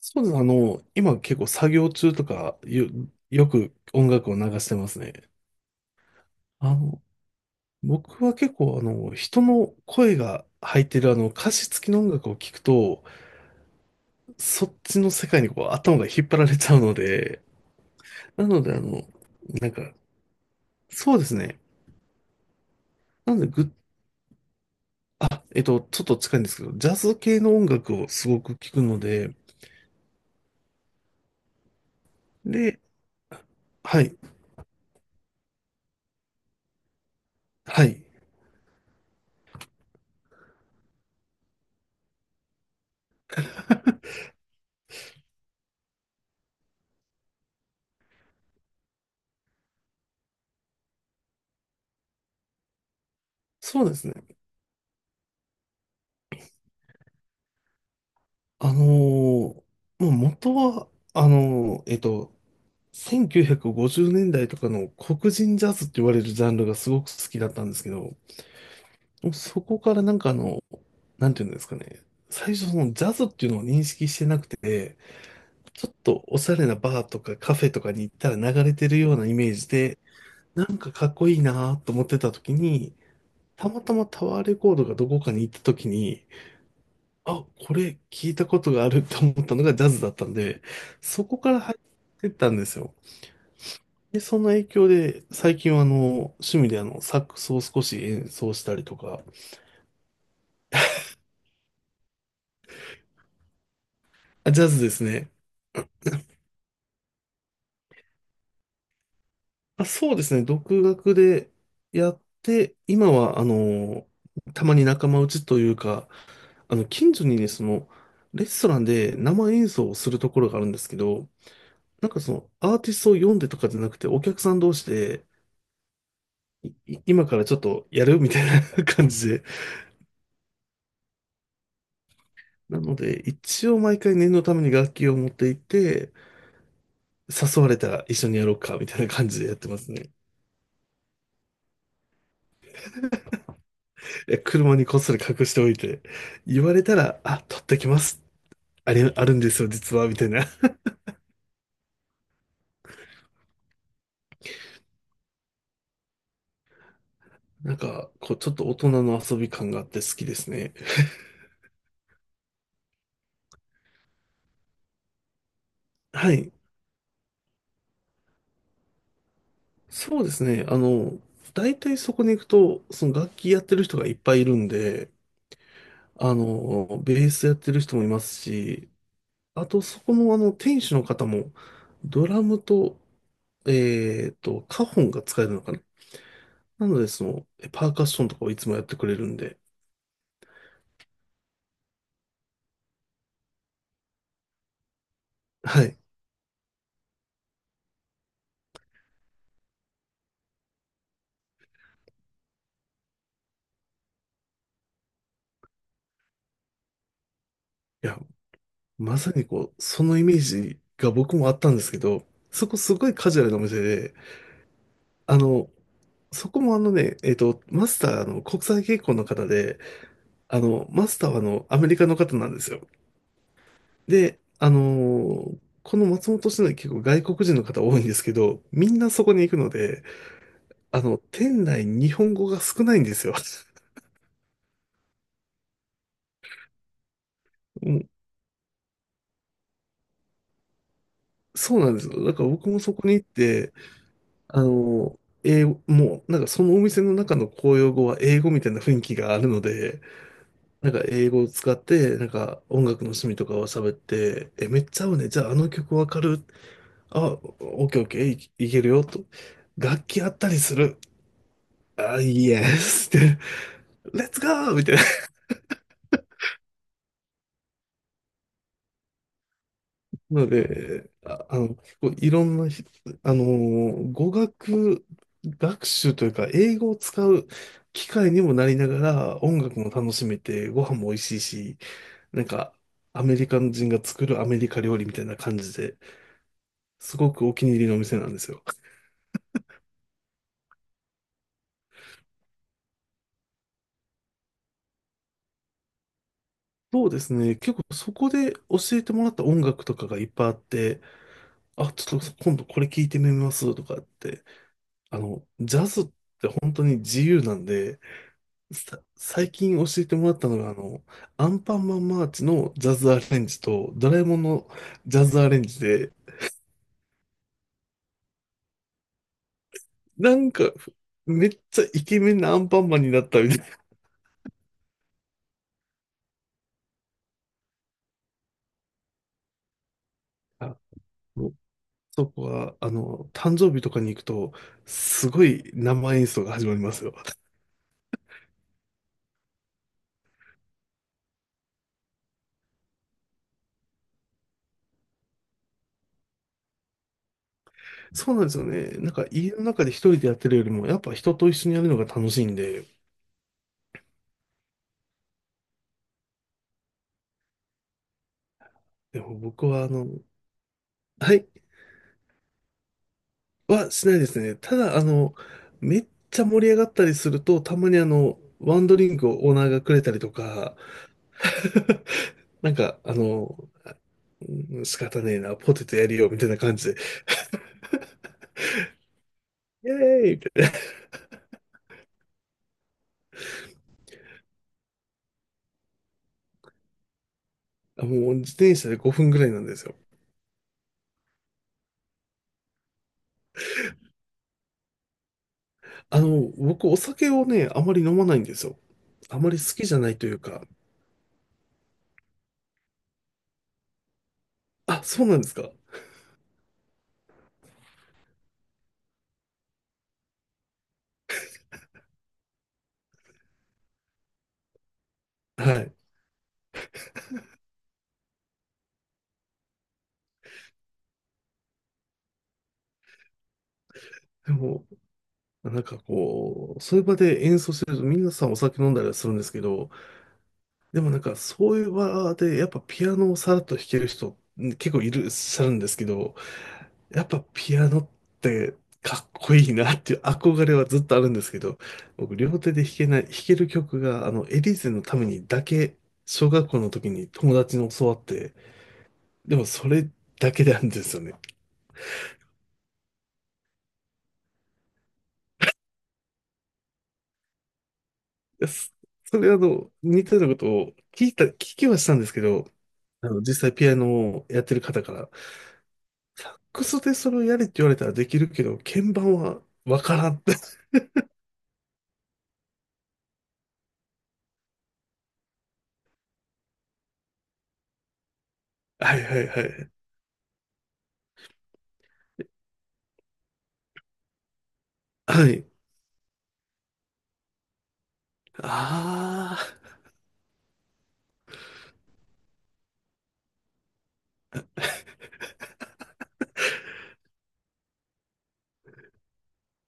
そうです。今結構作業中とかよ、よく音楽を流してますね。あの、僕は結構人の声が入ってる歌詞付きの音楽を聞くと、そっちの世界にこう頭が引っ張られちゃうので、なのであの、なんか、そうですね。なのでぐ、えっと、ちょっと近いんですけど、ジャズ系の音楽をすごく聞くので、で、はい、はい、そうですね。あのーもう元は、1950年代とかの黒人ジャズって言われるジャンルがすごく好きだったんですけど、もうそこからなんかあの、なんていうんですかね、最初そのジャズっていうのを認識してなくて、ちょっとおしゃれなバーとかカフェとかに行ったら流れてるようなイメージで、なんかかっこいいなと思ってた時に、たまたまタワーレコードがどこかに行った時に、あ、これ聞いたことがあると思ったのがジャズだったんで、そこから入ってったんですよ。で、その影響で、最近は趣味でサックスを少し演奏したりとか、あ、ジャズですね。あ、そうですね、独学でやって、今はたまに仲間内というか、近所にね、その、レストランで生演奏をするところがあるんですけど、なんかその、アーティストを読んでとかじゃなくて、お客さん同士で、今からちょっとやるみたいな 感じで、なので、一応毎回念のために楽器を持っていて、誘われたら一緒にやろうか、みたいな感じでやってますね。車にこっそり隠しておいて、言われたら、あ、取ってきます。あれ、あるんですよ、実は、みたいな。なんか、こう、ちょっと大人の遊び感があって好きですね。はい。そうですね。大体そこに行くと、その楽器やってる人がいっぱいいるんで、ベースやってる人もいますし、あと、そこの、店主の方も、ドラムと、カホンが使えるのかな。なので、その、パーカッションとかをいつもやってくれるんで、はい。いや、まさにこう、そのイメージが僕もあったんですけど、そこすごいカジュアルなお店で、あの、そこもあのね、マスターあの国際結婚の方で、あの、マスターはあの、アメリカの方なんですよ。で、ーこの松本市内結構外国人の方多いんですけど、みんなそこに行くので、あの、店内日本語が少ないんですよ。もうそうなんですよ。だから僕もそこに行って、あの、英語、もう、なんかそのお店の中の公用語は英語みたいな雰囲気があるので、なんか英語を使って、なんか音楽の趣味とかを喋って、え、めっちゃ合うね。じゃああの曲わかる。あ、オッケーオッケー、いけるよ、と。楽器あったりする。あ、イエスって、レッツゴーみたいな。なので、あ、結構いろんなひ、あのー語学学習というか、英語を使う機会にもなりながら、音楽も楽しめて、ご飯も美味しいし、なんか、アメリカ人が作るアメリカ料理みたいな感じで、すごくお気に入りのお店なんですよ。そうですね。結構そこで教えてもらった音楽とかがいっぱいあって、あ、ちょっと今度これ聞いてみますとかって、あの、ジャズって本当に自由なんで、最近教えてもらったのが、あの、アンパンマンマーチのジャズアレンジと、ドラえもんのジャズアレンジで、なんか、めっちゃイケメンなアンパンマンになったみたいな。もうそこは、あの、誕生日とかに行くと、すごい生演奏が始まりますよ。そうなんですよね。なんか、家の中で一人でやってるよりも、やっぱ人と一緒にやるのが楽しいんで、でも僕は、はい、はしないですね。ただ、あの、めっちゃ盛り上がったりすると、たまにあの、ワンドリンクをオーナーがくれたりとか、なんか、あの、うん仕方ねえな、ポテトやるよ、みたいな感じで、イエーイみたいな。もう自転車で5分ぐらいなんですよ。あの、僕、お酒をね、あまり飲まないんですよ。あまり好きじゃないというか。あ、そうなんですか。はい。でも、なんかこう、そういう場で演奏してると、皆さんお酒飲んだりはするんですけど、でもなんかそういう場でやっぱピアノをさらっと弾ける人結構いらっしゃるんですけど、やっぱピアノってかっこいいなっていう憧れはずっとあるんですけど、僕両手で弾けない、弾ける曲があのエリーゼのためにだけ、小学校の時に友達に教わって、でもそれだけなんですよね。やそそれあの似たようなことを聞きはしたんですけど、あの実際ピアノをやってる方から、ックスでそれをやれって言われたらできるけど、鍵盤はわからんって。はいはいはい。はい。あ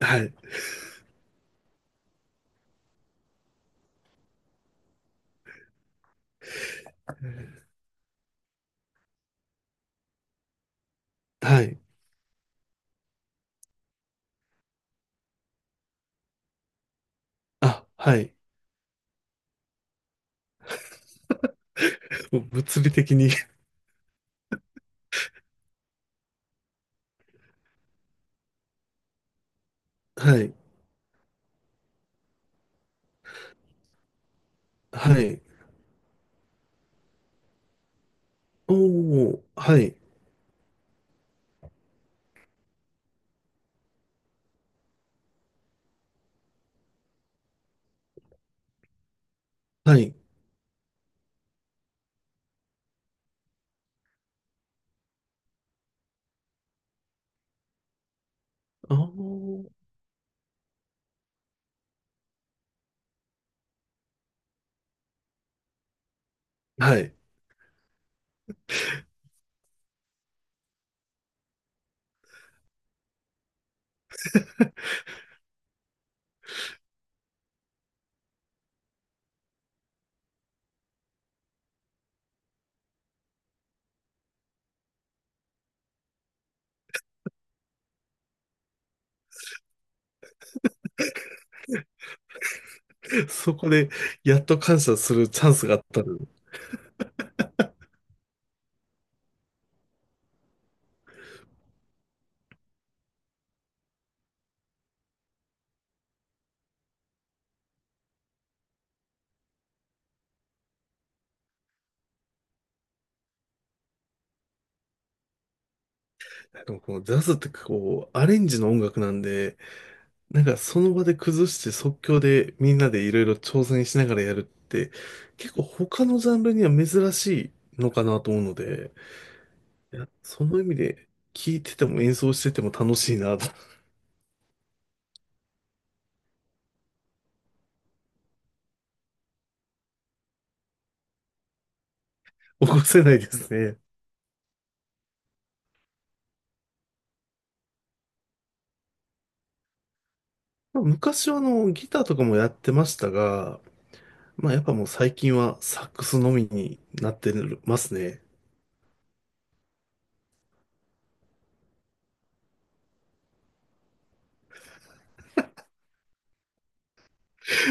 あ。はい。はい。あ、はい。もう物理的に。 はい。はい。おお、はい。はい。あーはい。そこで、やっと感謝するチャンスがあったの。のこのジャズってこう、アレンジの音楽なんで、なんかその場で崩して即興でみんなでいろいろ挑戦しながらやるって結構他のジャンルには珍しいのかなと思うので、いや、その意味で聴いてても演奏してても楽しいなと。 起こせないですね。まあ昔はあのギターとかもやってましたが、まあやっぱもう最近はサックスのみになってますね。